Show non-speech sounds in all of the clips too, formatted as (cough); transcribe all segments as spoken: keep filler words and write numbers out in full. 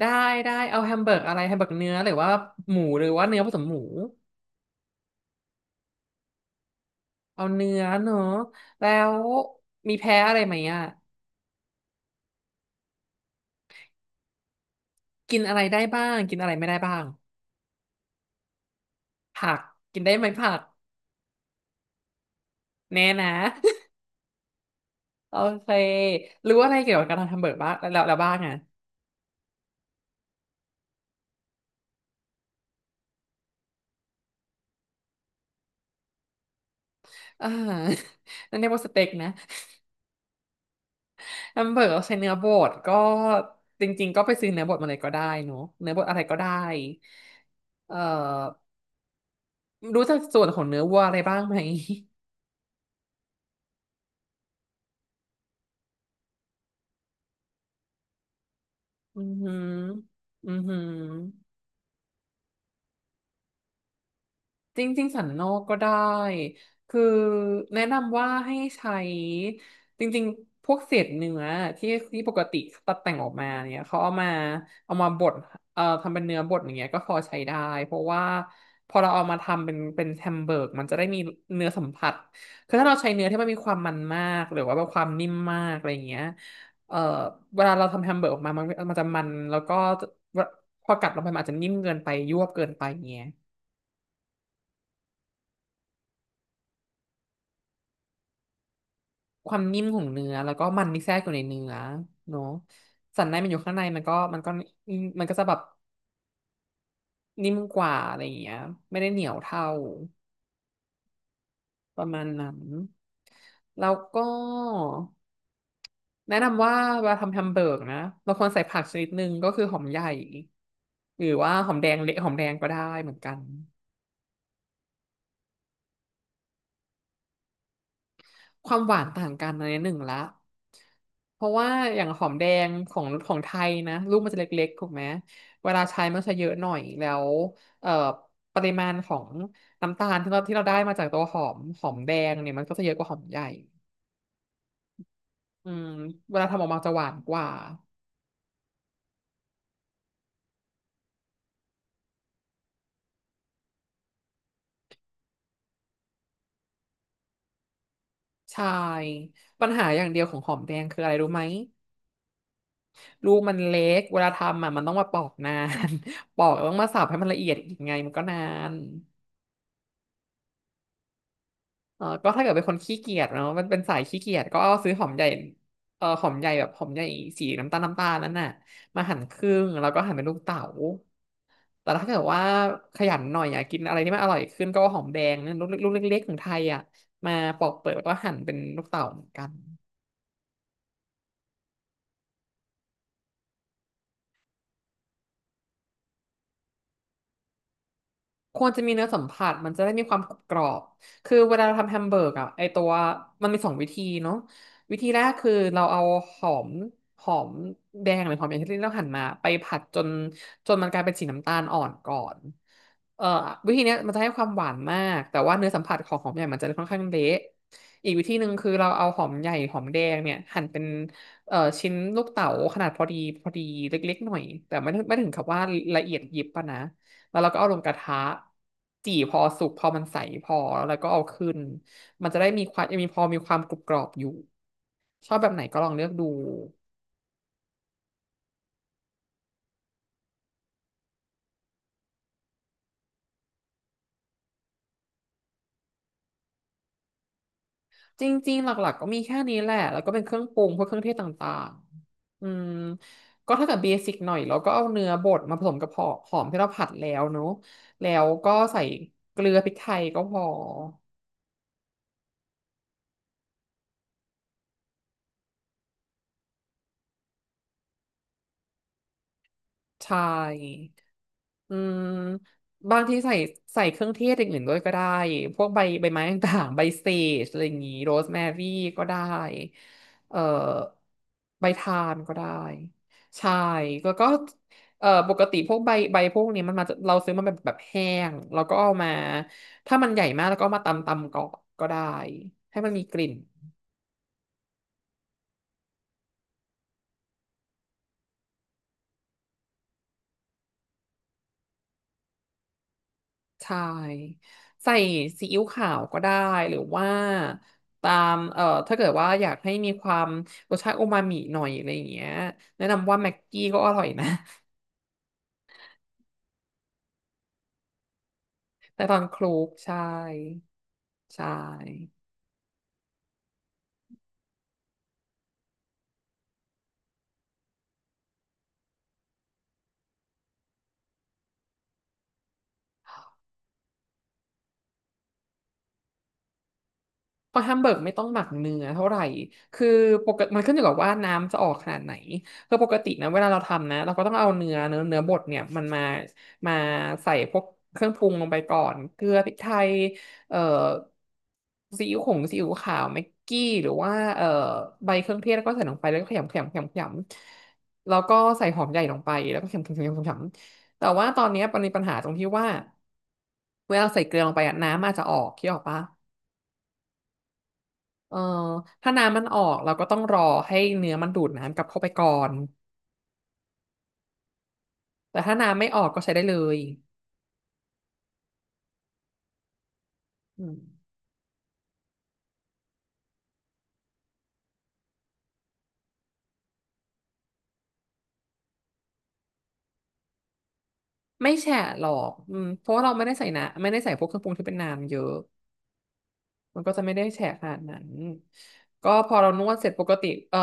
ได้ได้เอาแฮมเบอร์กอะไรแฮมเบอร์กเนื้อหรือว่าหมูหรือว่าเนื้อผสมหมูเอาเนื้อเนอะแล้วมีแพ้อะไรไหมอ่ะกินอะไรได้บ้างกินอะไรไม่ได้บ้างผักกินได้ไหมผักแน่นะ (laughs) โอเครู้อะไรเกี่ยวกับการทำแฮมเบอร์กบ้างแล้วแล้วบ้างอ่ะอ่า (laughs) นั่นเรียกว่าสเต็กนะแฮมเบอร์กเราใช้เนื้อบดก็จริงๆก็ไปซื้อเนื้อบดมาเลยก็ได้เนอะเนื้อบดอะไรก็ได้เอ่อรู้จักส่วนของเนื้อวัวอะไรบ้างไหม อือหืออือหือ จริงๆสันนอกก็ได้คือแนะนำว่าให้ใช้จริงๆพวกเศษเนื้อที่ที่ปกติตัดแต่งออกมาเนี่ยเขาเอามาเอามาบดเอ่อทำเป็นเนื้อบดอย่างเงี้ยก็พอใช้ได้เพราะว่าพอเราเอามาทำเป็นเป็นแฮมเบอร์กมันจะได้มีเนื้อสัมผัสคือถ้าเราใช้เนื้อที่มันมีความมันมากหรือว่าแบบความนิ่มมากอะไรอย่างเงี้ยเอ่อเวลาเราทำแฮมเบอร์กออกมามันมันจะมันแล้วก็จะพอกัดลงไปมันอาจจะนิ่มเกินไปยวบเกินไปอย่างเงี้ย ความนิ่มของเนื้อแล้วก็มันที่แทรกอยู่ในเนื้อเนาะสันในมันอยู่ข้างในมันก็มันก็มันก็จะแบบนิ่มกว่าอะไรอย่างเงี้ยไม่ได้เหนียวเท่าประมาณนั้นแล้วก็แนะนำว่าเวลาทำแฮมเบอร์กนะเราควรใส่ผักชนิดหนึ่งก็คือหอมใหญ่หรือว่าหอมแดงเละหอมแดงก็ได้เหมือนกัน ความหวานต่างกันในหนึ่งละ เพราะว่าอย่างหอมแดงของของไทยนะลูกมันจะเล็กๆถูกไหมเวลาใช้มันจะเยอะหน่อยแล้วเอ่อปริมาณของน้ำตาลที่เราที่เราได้มาจากตัวหอมหอมแดงเนี่ยมันก็จะเยอะกว่าหอมใหญ่อืมเวลาทำออกมาจะหวานกว่าใช่ปัญหาอย่างเดียวของหอมแดงคืออะไรรู้ไหมลูกมันเล็กเวลาทำอ่ะมันต้องมาปอกนาน (laughs) ปอกแล้วต้องมาสับให้มันละเอียดอีกไงมันก็นาน เออก็ถ้าเกิดเป็นคนขี้เกียจเนาะมันเป็นสายขี้เกียจก็เอาซื้อหอมใหญ่เออหอมใหญ่แบบหอมใหญ่สีน้ำตาลน้ำตาลนั่นน่ะมาหั่นครึ่งแล้วก็หั่นเป็นลูกเต๋าแต่ถ้าเกิดว่าขยันหน่อยอยากกินอะไรที่มันอร่อยขึ้นก็เอาหอมแดงนั่นลูกเล็กลูกเล็กๆของไทยอ่ะมาปอกเปลือกแล้วก็หั่นเป็นลูกเต๋าเหมือนกัน ควรจะมีเนื้อสัมผัสมันจะได้มีความกรอบคือเวลาเราทำแฮมเบอร์กอะไอตัวมันมีสองวิธีเนาะวิธีแรกคือเราเอาหอมหอมแดงหรือหอมอย่างที่เราหั่นมาไปผัดจนจนมันกลายเป็นสีน้ำตาลอ่อนก่อนเอ่อวิธีเนี้ยมันจะให้ความหวานมากแต่ว่าเนื้อสัมผัสของหอมใหญ่มันจะค่อนข้างเละอีกวิธีหนึ่งคือเราเอาหอมใหญ่หอมแดงเนี่ยหั่นเป็นเอ่อชิ้นลูกเต๋าขนาดพอดีพอดีเล็กๆหน่อยแต่ไม่ถึงไม่ถึงกับว่าละเอียดยิบปะนะ แล้วเราก็เอาลงกระทะจี่พอสุกพอมันใสพอแล้วก็เอาขึ้นมันจะได้มีความยังมีพอมีความกรุบกรอบอยู่ชอบแบบไหนก็ลองเลือกดูจริงๆหลักๆก็มีแค่นี้แหละแล้วก็เป็นเครื่องปรุงพวกเครื่องเทศต่างๆอืมก็ถ้าเกิดเบสิกหน่อยเราก็เอาเนื้อบดมาผสมกับหอมหอมที่เราผัดแล้วเนอะแล้วก็ใส่เกลือพริกไทยก็พอใช่ อืมบางทีใส่ใส่เครื่องเทศอย่างอื่นด้วยก็ได้พวกใบใบไม้ต่างๆใบเสจอะไรอย่างงี้โรสแมรี่ก็ได้เอ่อใบทานก็ได้ใช่แล้วก็เอ่อปกติพวกใบใบพวกนี้มันมาจากเราซื้อมันแบบแบบแห้งแล้วก็เอามาถ้ามันใหญ่มากแล้วก็เอามาตำตำก่อนก็ได้ให้มันมีกลิ่น ใช่ใส่ซีอิ๊วขาวก็ได้หรือว่าตามเอ่อถ้าเกิดว่าอยากให้มีความรสชาติโอมามิหน่อยอะไรอย่างเงี้ยแนะนำว่าแม็กกี้ก็อร่อยนะ (laughs) แต่ตอนคลุกใช่ใช่ เพราะแฮมเบิร์กไม่ต้องหมักเนื้อเท่าไหร่คือปกติมันขึ้นอยู่กับว่าน้ำจะออกขนาดไหนคือปกตินะเวลาเราทำนะเราก็ต้องเอาเนื้อเนื้อเนื้อบดเนี่ยมันมามาใส่พวกเครื่องปรุงลงไปก่อนเกลือพริกไทยเอ่อซีอิ๊วขงซีอิ๊วขาวแม็กกี้หรือว่าเอ่อใบเครื่องเทศแล้วก็ใส่ลงไปแล้วก็ขยำขยำขยำขยำแล้วก็ใส่หอมใหญ่ลงไปแล้วก็ขยำขยำขยำขยำแต่ว่าตอนเนี้ยมันมีปัญหาตรงที่ว่าเวลาใส่เกลือลงไปอะน้ำอาจจะออกคิดออกปะ เออถ้าน้ำมันออกเราก็ต้องรอให้เนื้อมันดูดน้ำกลับเข้าไปก่อนแต่ถ้าน้ำไม่ออกก็ใช้ได้เลยอืมไม่แฉะหรอกอืมเพราะว่าเราไม่ได้ใส่นะไม่ได้ใส่พวกเครื่องปรุงที่เป็นน้ำเยอะ มันก็จะไม่ได้แฉะขนาดนั้นก็พอเรานวดเสร็จปกติเอ่อ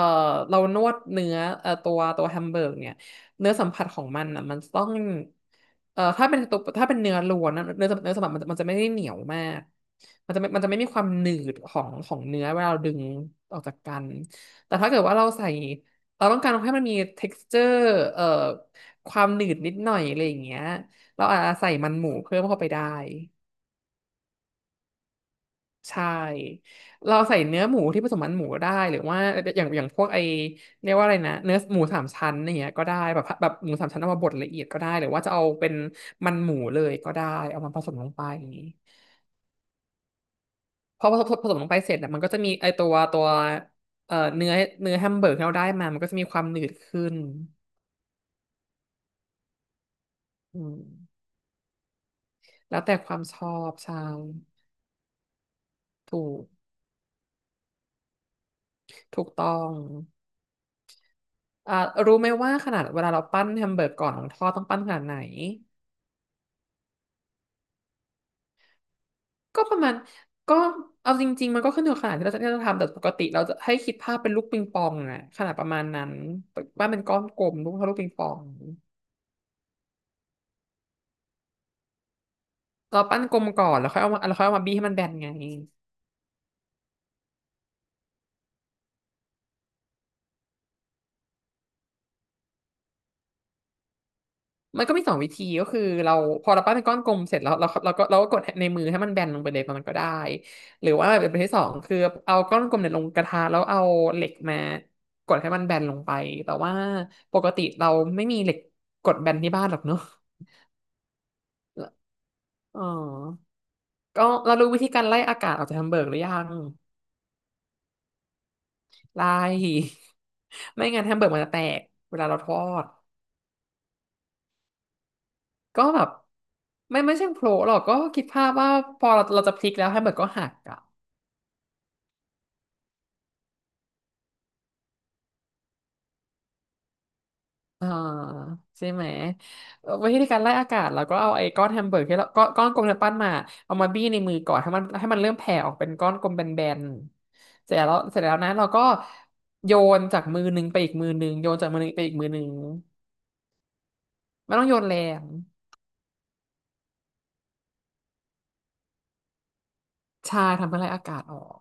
เรานวดเนื้อเอ่อตัวตัวแฮมเบอร์กเนี่ยเนื้อสัมผัสของมันอ่ะมันต้องเอ่อถ้าเป็นตัวถ้าเป็นเนื้อล้วนนะเนื้อสัมเนื้อสัมผัสมันจะมันจะไม่ได้เหนียวมากมันจะไม่มันจะไม่มีความหนืดของของเนื้อเวลาเราดึงออกจากกัน แต่ถ้าเกิดว่าเราใส่เราต้องการให้มันมี texture เอ่อความหนืดนิดหน่อยอะไรอย่างเงี้ยเราอาจจะใส่มันหมูเพิ่มเข้าไปได้ ใช่เราใส่เนื้อหมูที่ผสมมันหมูได้หรือว่าอย่างอย่างพวกไอเรียกว่าอะไรนะเนื้อหมูสามชั้นอย่างเงี้ยก็ได้แบบแบบหมูสามชั้นเอามาบดละเอียดก็ได้หรือว่าจะเอาเป็นมันหมูเลยก็ได้เอามาผสมลงไปอย่างนี้พอผสมผสมลงไปเสร็จอ่ะมันก็จะมีไอตัวตัวเอ่อเนื้อเนื้อแฮมเบอร์กที่เราได้มามันก็จะมีความหนืดขึ้นอืมแล้วแต่ความชอบใช่ถูกถูกต้องอ่ารู้ไหมว่าขนาดเวลาเราปั้นแฮมเบอร์กก่อนของทอดต้องปั้นขนาดไหน ก็ประมาณก็เอาจริงๆมันก็ขึ้นอยู่กับขนาดที่เราจะที่เราจะทำแต่ปกติเราจะให้คิดภาพเป็นลูกปิงปองอะขนาดประมาณนั้นปั้นเป็นก้อนกลมลูกเท่าลูกปิงปองเราปั้นกลมก่อนแล้วค่อยเอามาแล้วค่อยเอามาบี้ให้มันแบนไงมันก็มีสองวิธีก็คือเราพอเราปั้นเป็นก้อนกลมเสร็จแล้วเราเราก็เราก็กดในมือให้มันแบนลงไปเลยมันก็ได้หรือว่าแบบที่สองคือเอาก้อนกลมเนี่ยลงกระทะแล้วเอาเหล็กมากดให้มันแบนลงไปแต่ว่าปกติเราไม่มีเหล็กกดแบนที่บ้านหรอกเนอะอ๋อ ก็เรารู้วิธีการไล่อากาศออกจากแฮมเบอร์กหรือยังไล่ (laughs) ไม่งั้นแฮมเบอร์กมันจะแตกเวลาเราทอดก็แบบไม่ไม่ใช่โผล่หรอกก็คิดภาพว่าพอเราเราจะพลิกแล้วแฮมเบอร์กก็หักอ่ะอ่าใช่ไหมเอ่อวิธีการไล่อากาศเราก็เอาไอ้ก้อนแฮมเบอร์กที่เราก้อนก้อนกลมที่เนืปั้นมาเอามาบี้ในมือก่อนให้มันให้มันเริ่มแผ่ออกเป็นก้อนกลมแบนๆเสร็จแล้วเสร็จแล้วนะเราก็โยนจากมือหนึ่งไปอีกมือหนึ่งโยนจากมือหนึ่งไปอีกมือหนึ่งไม่ต้องโยนแรง ใช่ทำให้ไล่อากาศออก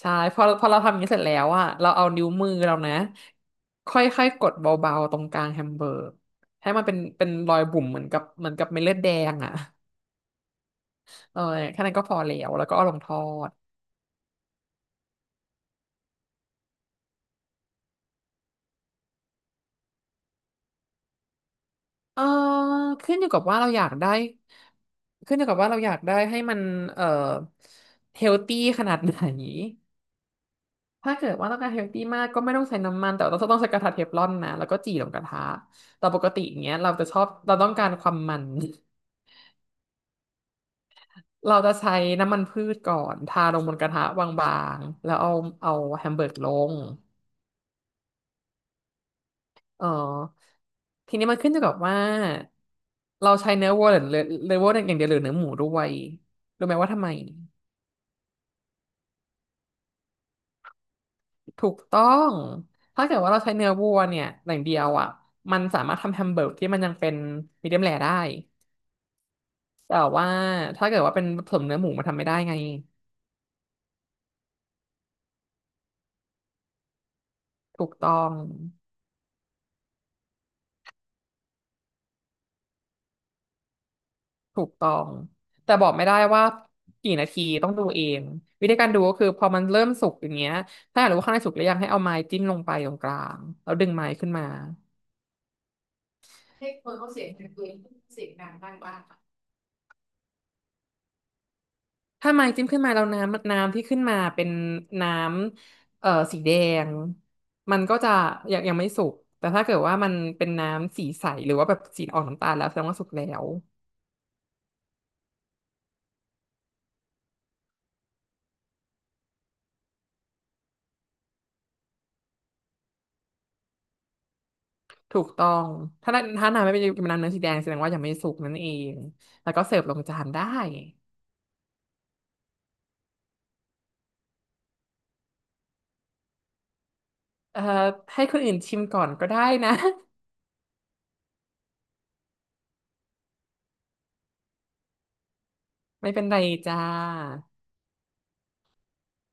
ใช่พอพอเราทำอย่างนี้เสร็จแล้วอะเราเอานิ้วมือเรานะค่อยๆกดเบาๆตรงกลางแฮมเบอร์กให้มันเป็นเป็นรอยบุ๋มเหมือนกับเหมือนกับเม็ดเลือดแดงอะเออแค่นั้นก็พอแล้วแล้วก็เอาลงทอดเออขึ้นอยู่กับว่าเราอยากได้ขึ้นอยู่กับว่าเราอยากได้ให้มันเอ่อเฮลตี้ขนาดไหนถ้าเกิดว่าต้องการเฮลตี้มากก็ไม่ต้องใช้น้ำมันแต่ว่าต้องต้องใช้กระทะเทฟลอนนะแล้วก็จี่ลงกระทะแต่ปกติอย่างเงี้ยเราจะชอบเราต้องการความมัน เราจะใช้น้ำมันพืชก่อนทาลงบนกระทะบางๆแล้วเอาเอาแฮมเบอร์กลงเออทีนี้มันขึ้นอยู่กับว่าเราใช้เนื้อวัวหรือเนื้อวัวอย่างเดียวหรือเนื้อหมูด้วยรู้ไหมว่าทำไมถูกต้องถ้าเกิดว่าเราใช้เนื้อวัวเนี่ยอย่างเดียวอ่ะมันสามารถทำแฮมเบอร์กที่มันยังเป็นมีเดียมแรร์ได้แต่ว่าถ้าเกิดว่าเป็นผสมเนื้อหมูมันทำไม่ได้ไงถูกต้อง ถูกต้องแต่บอกไม่ได้ว่ากี่นาทีต้องดูเองวิธีการดูก็คือพอมันเริ่มสุกอย่างเงี้ยถ้าอยากรู้ว่าข้างในสุกหรือยังให้เอาไม้จิ้มลงไปตรงกลางแล้วดึงไม้ขึ้นมาถ้าไม้จิ้มขึ้นมาแล้วน้ำน้ำที่ขึ้นมาเป็นน้ำเอ่อสีแดงมันก็จะยังยังไม่สุกแต่ถ้าเกิดว่ามันเป็นน้ำสีใสหรือว่าแบบสีออกน้ำตาลแล้วแสดงว่าสุกแล้ว ถูกต้องถ้าน้ำถ้าน้ำไม่เป็นน้ำเนื้อสีแดงแสดงว่ายังไม่สุกนั่นเอง แล้วก็เสิร์ฟลงจานได้ เอ่อ ให้คนอื่นชิมก่อนก็ได้นะ (laughs) ไม่เป็นไรจ้า